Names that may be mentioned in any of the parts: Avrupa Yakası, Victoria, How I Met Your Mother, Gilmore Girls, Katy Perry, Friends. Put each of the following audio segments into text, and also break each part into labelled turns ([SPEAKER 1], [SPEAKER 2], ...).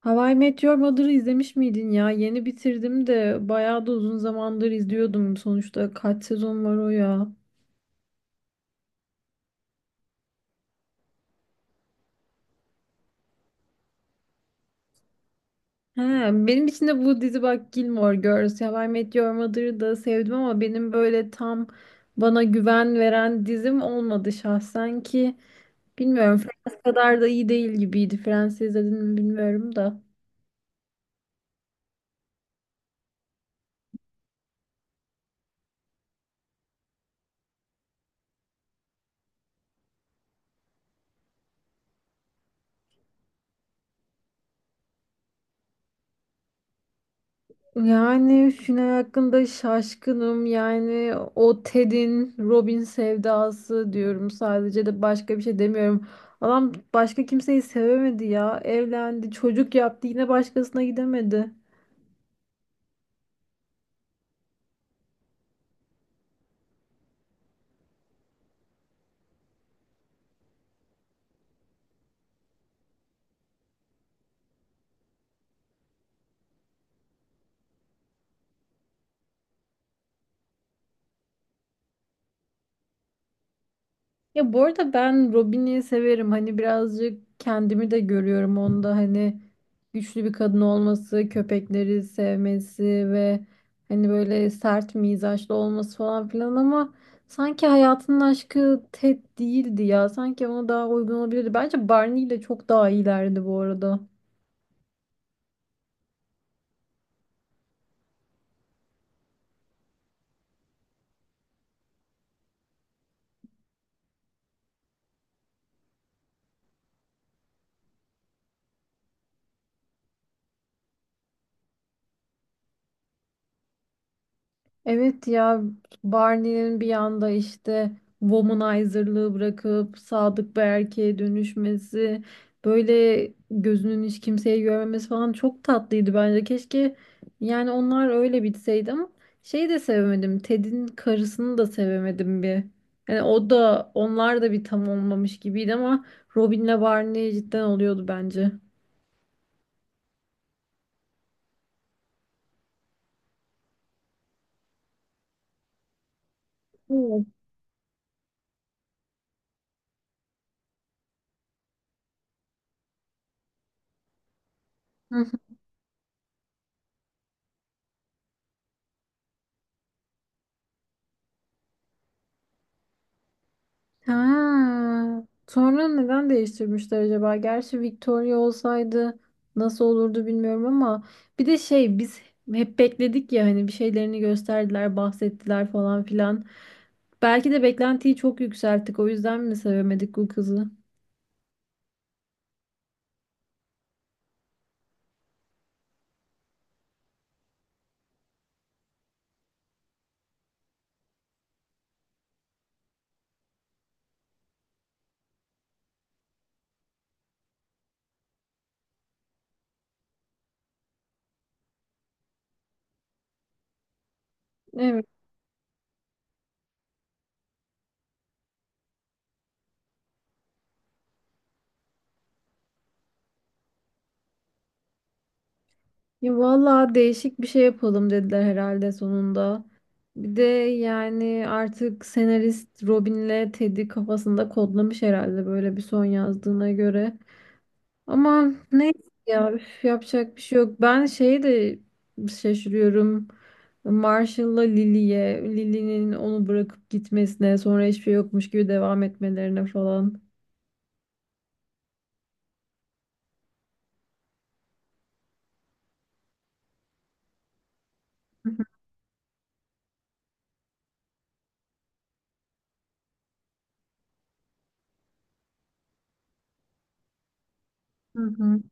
[SPEAKER 1] How I Met Mother'ı izlemiş miydin ya? Yeni bitirdim de bayağı da uzun zamandır izliyordum. Sonuçta kaç sezon var o ya? He, benim için de bu dizi bak Gilmore Girls, How I Met Your Mother'ı da sevdim ama benim böyle tam bana güven veren dizim olmadı şahsen ki. Bilmiyorum Friends kadar da iyi değil gibiydi. Friends izledin mi bilmiyorum da. Yani final hakkında şaşkınım. Yani o Ted'in Robin sevdası diyorum sadece de başka bir şey demiyorum. Adam başka kimseyi sevemedi ya. Evlendi, çocuk yaptı, yine başkasına gidemedi. Ya bu arada ben Robin'i severim. Hani birazcık kendimi de görüyorum onda. Hani güçlü bir kadın olması, köpekleri sevmesi ve hani böyle sert mizaçlı olması falan filan ama sanki hayatının aşkı Ted değildi ya. Sanki ona daha uygun olabilirdi. Bence Barney ile çok daha iyilerdi bu arada. Evet ya, Barney'nin bir anda işte womanizer'lığı bırakıp sadık bir erkeğe dönüşmesi, böyle gözünün hiç kimseyi görmemesi falan çok tatlıydı bence. Keşke yani onlar öyle bitseydi ama şeyi de sevemedim. Ted'in karısını da sevemedim bir. Yani o da onlar da bir tam olmamış gibiydi ama Robin'le Barney cidden oluyordu bence. Evet. Ha, sonra neden değiştirmişler acaba? Gerçi Victoria olsaydı nasıl olurdu bilmiyorum ama bir de şey, biz hep bekledik ya hani bir şeylerini gösterdiler, bahsettiler falan filan. Belki de beklentiyi çok yükselttik. O yüzden mi sevemedik bu kızı? Evet. Ya vallahi değişik bir şey yapalım dediler herhalde sonunda. Bir de yani artık senarist Robin'le Ted'i kafasında kodlamış herhalde böyle bir son yazdığına göre. Aman neyse ya, üf, yapacak bir şey yok. Ben şeyi de şaşırıyorum. Marshall'la Lily'ye, Lily'nin onu bırakıp gitmesine, sonra hiçbir şey yokmuş gibi devam etmelerine falan. Hı hı.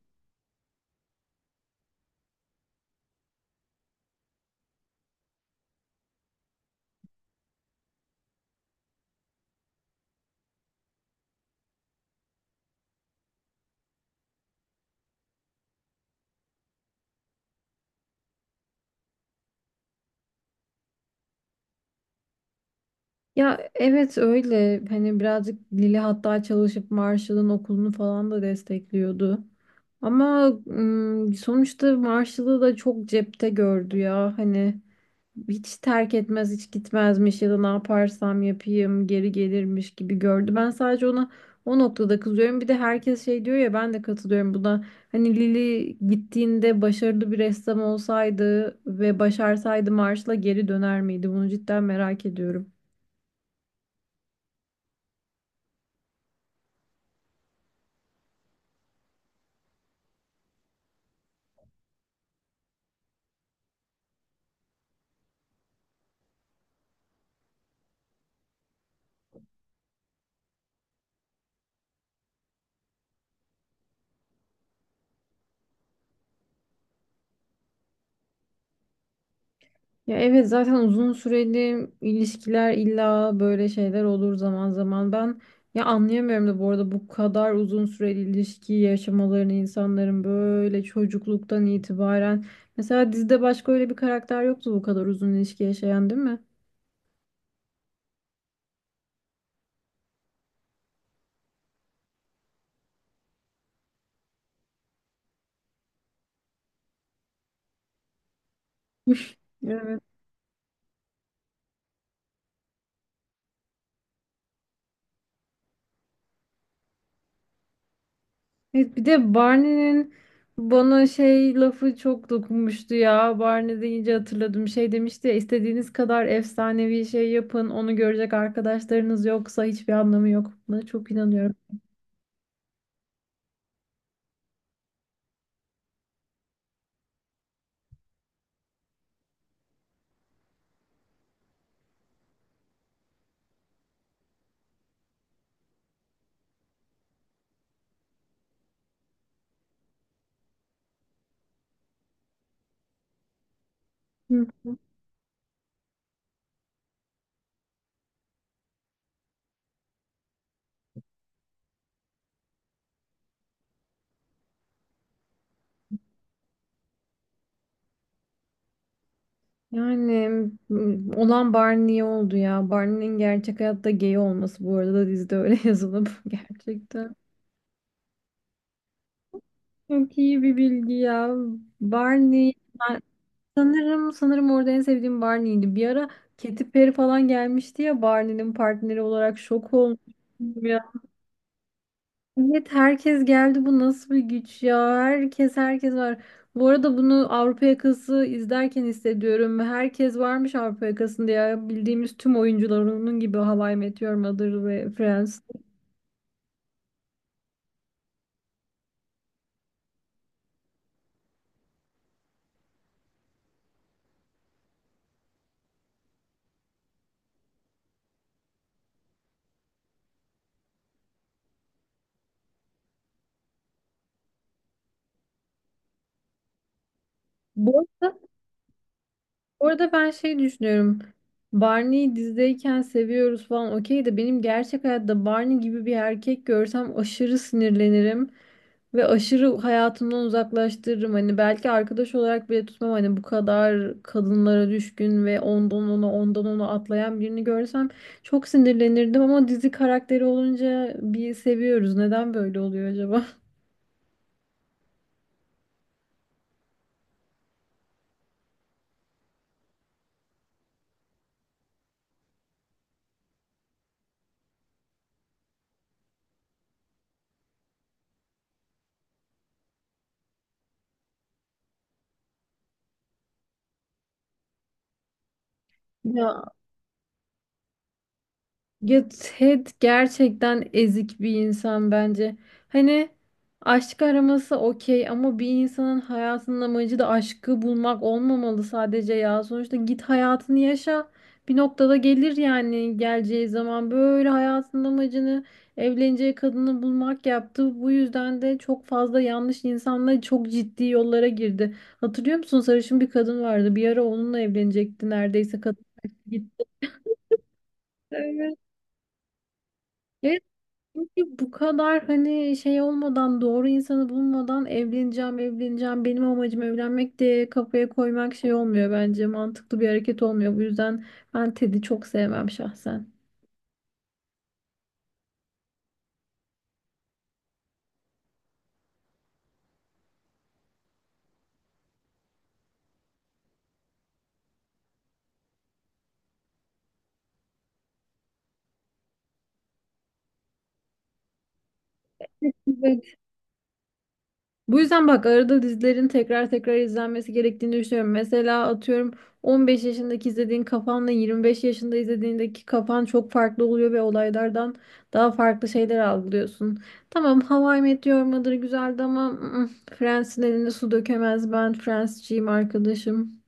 [SPEAKER 1] Ya evet, öyle hani birazcık Lili hatta çalışıp Marshall'ın okulunu falan da destekliyordu. Ama sonuçta Marshall'ı da çok cepte gördü ya hani hiç terk etmez hiç gitmezmiş ya da ne yaparsam yapayım geri gelirmiş gibi gördü. Ben sadece ona o noktada kızıyorum. Bir de herkes şey diyor ya, ben de katılıyorum buna. Hani Lili gittiğinde başarılı bir ressam olsaydı ve başarsaydı Marshall'a geri döner miydi? Bunu cidden merak ediyorum. Ya evet, zaten uzun süreli ilişkiler illa böyle şeyler olur zaman zaman. Ben ya anlayamıyorum da bu arada bu kadar uzun süreli ilişki yaşamalarını insanların böyle çocukluktan itibaren. Mesela dizide başka öyle bir karakter yoktu bu kadar uzun ilişki yaşayan, değil mi? Evet. Evet, bir de Barney'nin bana şey lafı çok dokunmuştu ya. Barney deyince hatırladım. Şey demişti ya, istediğiniz kadar efsanevi şey yapın. Onu görecek arkadaşlarınız yoksa hiçbir anlamı yok. Buna çok inanıyorum. Hı hı. Yani olan Barney oldu ya. Barney'nin gerçek hayatta gay olması bu arada da dizide öyle yazılıp gerçekten. Çok iyi bir bilgi ya. Barney Sanırım sanırım orada en sevdiğim Barney'ydi. Bir ara Katy Perry falan gelmişti ya Barney'nin partneri olarak, şok olmuştum ya. Evet herkes geldi, bu nasıl bir güç ya. Herkes var. Bu arada bunu Avrupa Yakası izlerken hissediyorum. Herkes varmış Avrupa Yakası'nda ya. Bildiğimiz tüm oyuncular onun gibi, How I Met Your Mother ve Friends. Bu arada orada ben şey düşünüyorum. Barney'i dizideyken seviyoruz falan okey de benim gerçek hayatta Barney gibi bir erkek görsem aşırı sinirlenirim ve aşırı hayatımdan uzaklaştırırım. Hani belki arkadaş olarak bile tutmam, hani bu kadar kadınlara düşkün ve ondan ona ondan ona atlayan birini görsem çok sinirlenirdim ama dizi karakteri olunca bir seviyoruz. Neden böyle oluyor acaba? Ya Ya, Ted gerçekten ezik bir insan bence. Hani aşk araması okey ama bir insanın hayatının amacı da aşkı bulmak olmamalı sadece ya. Sonuçta git hayatını yaşa. Bir noktada gelir yani, geleceği zaman böyle hayatının amacını evleneceği kadını bulmak yaptı. Bu yüzden de çok fazla yanlış insanla çok ciddi yollara girdi. Hatırlıyor musun? Sarışın bir kadın vardı. Bir ara onunla evlenecekti neredeyse, kadın gitti. Evet. Çünkü bu kadar hani şey olmadan, doğru insanı bulmadan, evleneceğim evleneceğim, benim amacım evlenmek diye kafaya koymak şey olmuyor bence, mantıklı bir hareket olmuyor. Bu yüzden ben Ted'i çok sevmem şahsen. Bu yüzden bak arada dizilerin tekrar tekrar izlenmesi gerektiğini düşünüyorum. Mesela atıyorum, 15 yaşındaki izlediğin kafanla 25 yaşında izlediğindeki kafan çok farklı oluyor ve olaylardan daha farklı şeyler algılıyorsun. Tamam, How I Met Your Mother güzeldi ama Friends'in elinde su dökemez. Ben Friends'ciyim arkadaşım.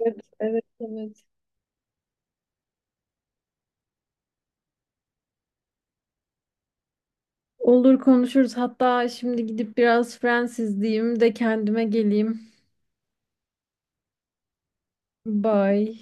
[SPEAKER 1] Evet, evet, evet. Olur, konuşuruz. Hatta şimdi gidip biraz Friends izleyeyim de kendime geleyim. Bye.